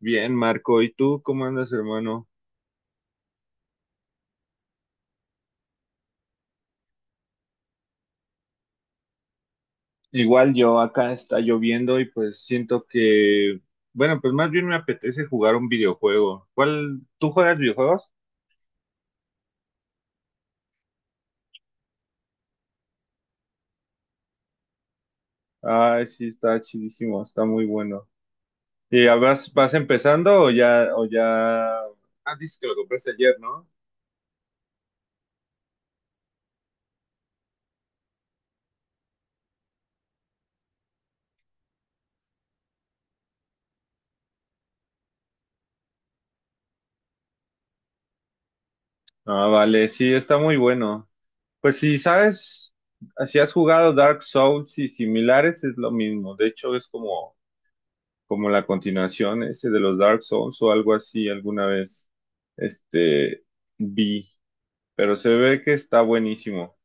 Bien, Marco, ¿y tú cómo andas, hermano? Igual yo acá está lloviendo y pues siento bueno, pues más bien me apetece jugar un videojuego. ¿Cuál? ¿Tú juegas videojuegos? Ay, sí, está chidísimo, está muy bueno. ¿Y ya vas empezando o ya, o ya? Ah, dices que lo compraste ayer, ¿no? Ah, vale, sí, está muy bueno. Pues si sabes, si has jugado Dark Souls y similares, es lo mismo. De hecho, es como la continuación ese de los Dark Souls o algo así alguna vez este vi, pero se ve que está buenísimo.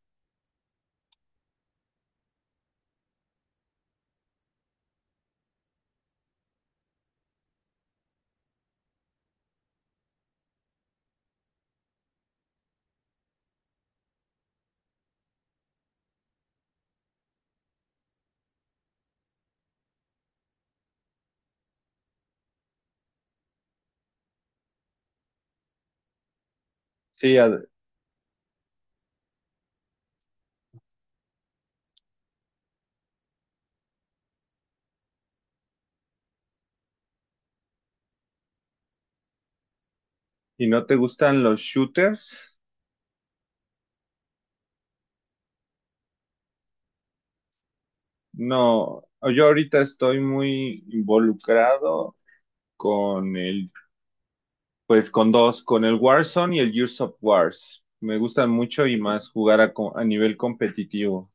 Sí, ad- ¿Y no te gustan los shooters? No, yo ahorita estoy muy involucrado con pues con dos, con el Warzone y el Gears of Wars. Me gustan mucho y más jugar a nivel competitivo.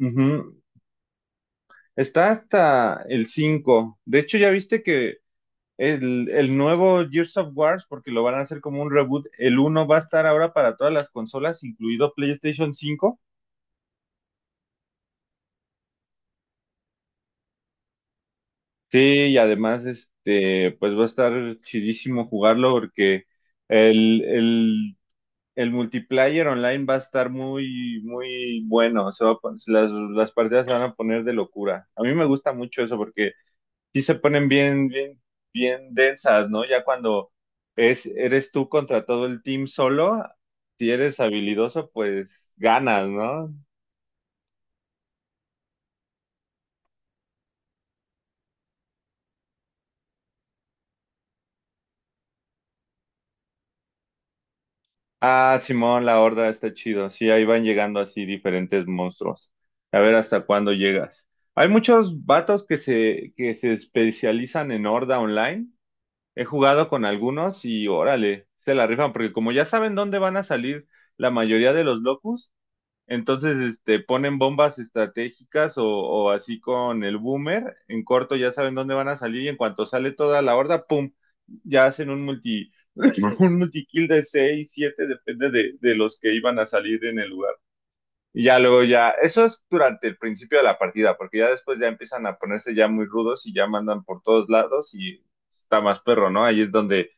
Ujú. Está hasta el cinco. De hecho, ya viste que el nuevo Gears of Wars, porque lo van a hacer como un reboot, el uno va a estar ahora para todas las consolas, incluido PlayStation cinco. Sí, y además, este, pues va a estar chidísimo jugarlo porque el, el, el multiplayer online va a estar muy, muy bueno. Se va a pon- Las partidas se van a poner de locura. A mí me gusta mucho eso porque sí se ponen bien, bien, bien densas, ¿no? Ya cuando eres tú contra todo el team solo, si eres habilidoso, pues ganas, ¿no? Ah, Simón, la horda está chido. Sí, ahí van llegando así diferentes monstruos. A ver hasta cuándo llegas. Hay muchos vatos que se especializan en horda online. He jugado con algunos y órale, se la rifan, porque como ya saben dónde van a salir la mayoría de los locus. Entonces, este, ponen bombas estratégicas o así con el boomer, en corto ya saben dónde van a salir y en cuanto sale toda la horda, ¡pum! Ya hacen un multi, un multikill de 6, 7, depende de los que iban a salir en el lugar. Y ya luego ya, eso es durante el principio de la partida, porque ya después ya empiezan a ponerse ya muy rudos y ya mandan por todos lados y está más perro, ¿no? Ahí es donde,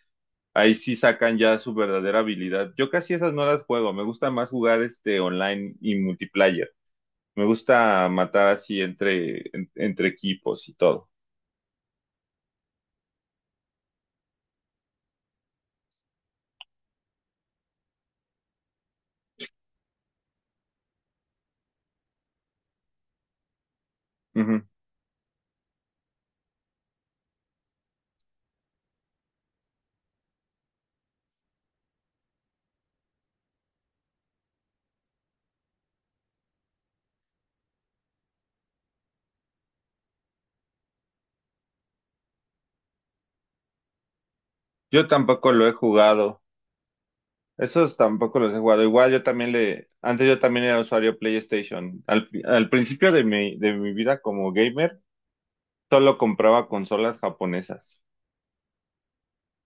ahí sí sacan ya su verdadera habilidad. Yo casi esas no las juego, me gusta más jugar este online y multiplayer. Me gusta matar así entre equipos y todo. Ujú. Yo tampoco lo he jugado. Esos tampoco los he jugado. Igual yo también le, antes yo también era usuario PlayStation. Al principio de de mi vida como gamer, solo compraba consolas japonesas.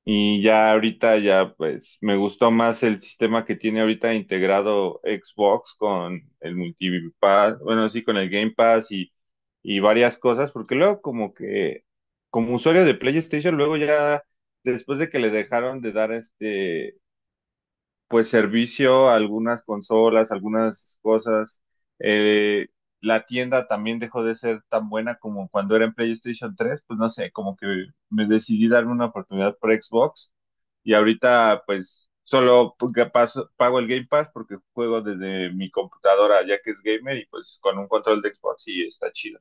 Y ya ahorita ya pues me gustó más el sistema que tiene ahorita integrado Xbox con el Multipass, bueno, sí, con el Game Pass y varias cosas, porque luego como que como usuario de PlayStation, luego ya después de que le dejaron de dar este pues servicio, algunas consolas, algunas cosas. Eh, la tienda también dejó de ser tan buena como cuando era en PlayStation tres, pues no sé, como que me decidí darme una oportunidad por Xbox y ahorita pues solo porque pago el Game Pass porque juego desde mi computadora ya que es gamer y pues con un control de Xbox y está chido.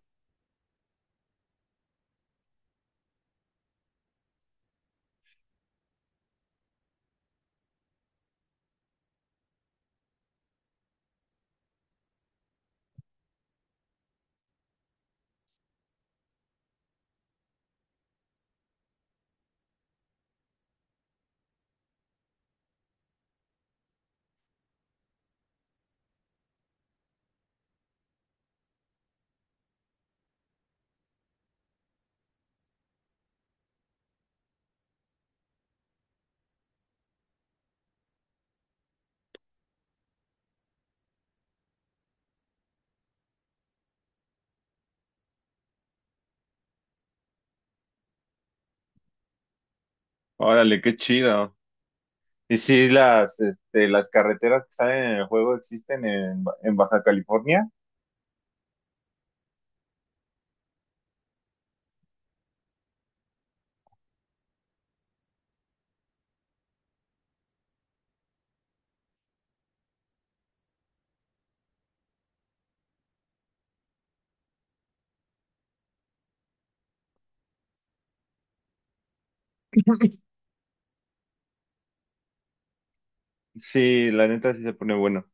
Órale, qué chido. Y sí, las, este, las carreteras que salen en el juego existen en Baja California. Sí, la neta sí se pone bueno.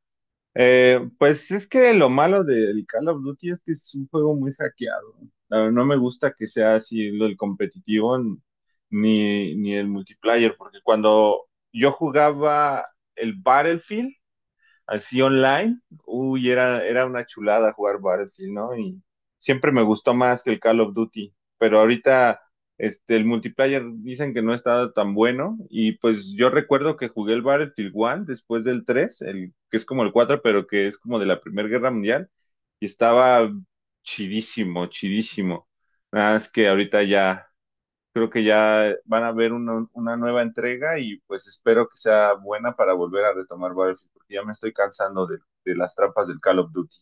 Pues es que lo malo del Call of Duty es que es un juego muy hackeado. Ah, no me gusta que sea así lo del competitivo ni el multiplayer, porque cuando yo jugaba el Battlefield, así online, uy, era, era una chulada jugar Battlefield, ¿no? Y siempre me gustó más que el Call of Duty, pero ahorita este, el multiplayer dicen que no está tan bueno y pues yo recuerdo que jugué el Battlefield 1 después del 3, el, que es como el 4 pero que es como de la Primera Guerra Mundial y estaba chidísimo, chidísimo. Nada más que ahorita ya creo que ya van a ver una nueva entrega y pues espero que sea buena para volver a retomar Battlefield, porque ya me estoy cansando de las trampas del Call of Duty.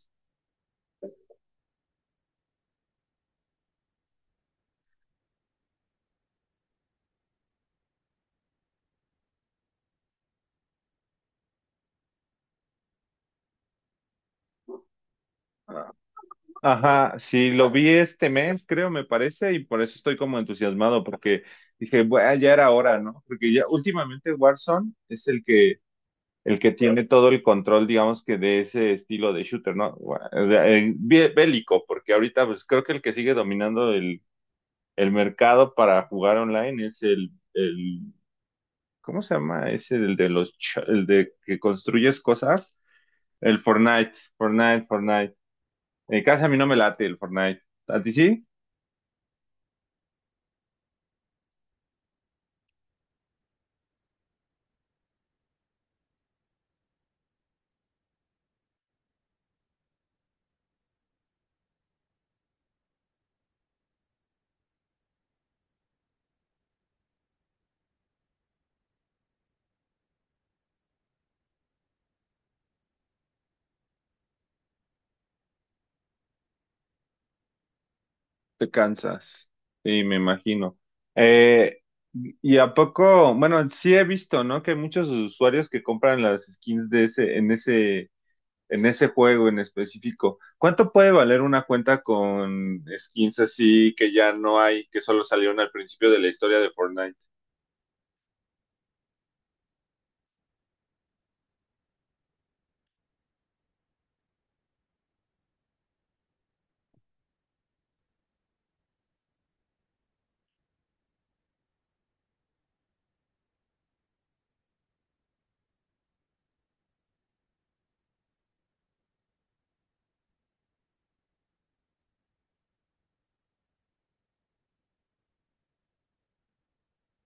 Ajá, sí, lo vi este mes, creo, me parece, y por eso estoy como entusiasmado, porque dije, bueno, ya era hora, ¿no? Porque ya últimamente Warzone es el el que tiene todo el control, digamos que de ese estilo de shooter, ¿no? Bueno, bélico, porque ahorita pues creo que el que sigue dominando el mercado para jugar online es el… ¿Cómo se llama ese del de los el de que construyes cosas? El Fortnite, Fortnite. En casa a mí no me late el Fortnite. ¿A ti sí? Te cansas. Sí, me imagino. Eh, y a poco, bueno, sí he visto, ¿no? Que hay muchos usuarios que compran las skins de en ese juego en específico. ¿Cuánto puede valer una cuenta con skins así que ya no hay, que solo salieron al principio de la historia de Fortnite?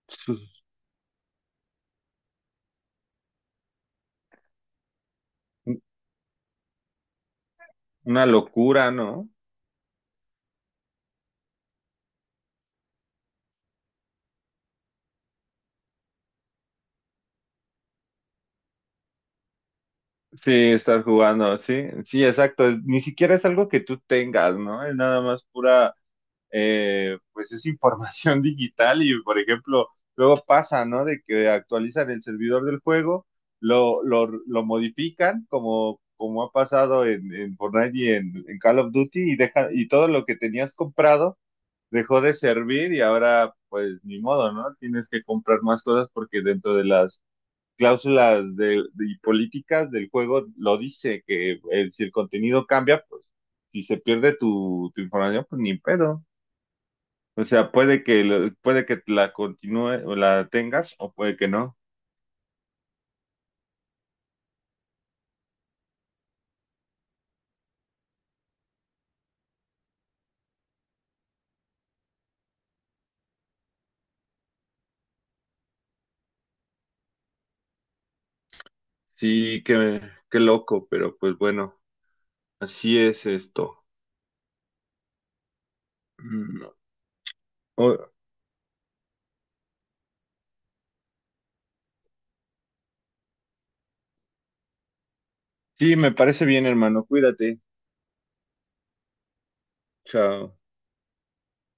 Una locura, ¿no? Sí, estar jugando, sí, sí, exacto. Ni siquiera es algo que tú tengas, ¿no? Es nada más pura, pues es información digital y, por ejemplo, luego pasa, ¿no? De que actualizan el servidor del juego, lo modifican, como, como ha pasado en Fortnite y en Call of Duty, y deja, y todo lo que tenías comprado dejó de servir y ahora, pues, ni modo, ¿no? Tienes que comprar más cosas porque dentro de las cláusulas políticas del juego lo dice, que el, si el contenido cambia, pues si se pierde tu, tu información, pues ni pedo. O sea, puede puede que la continúe o la tengas o puede que no. Sí, qué, qué loco, pero pues bueno, así es esto. Mm, o- sí, me parece bien, hermano. Cuídate. Chao.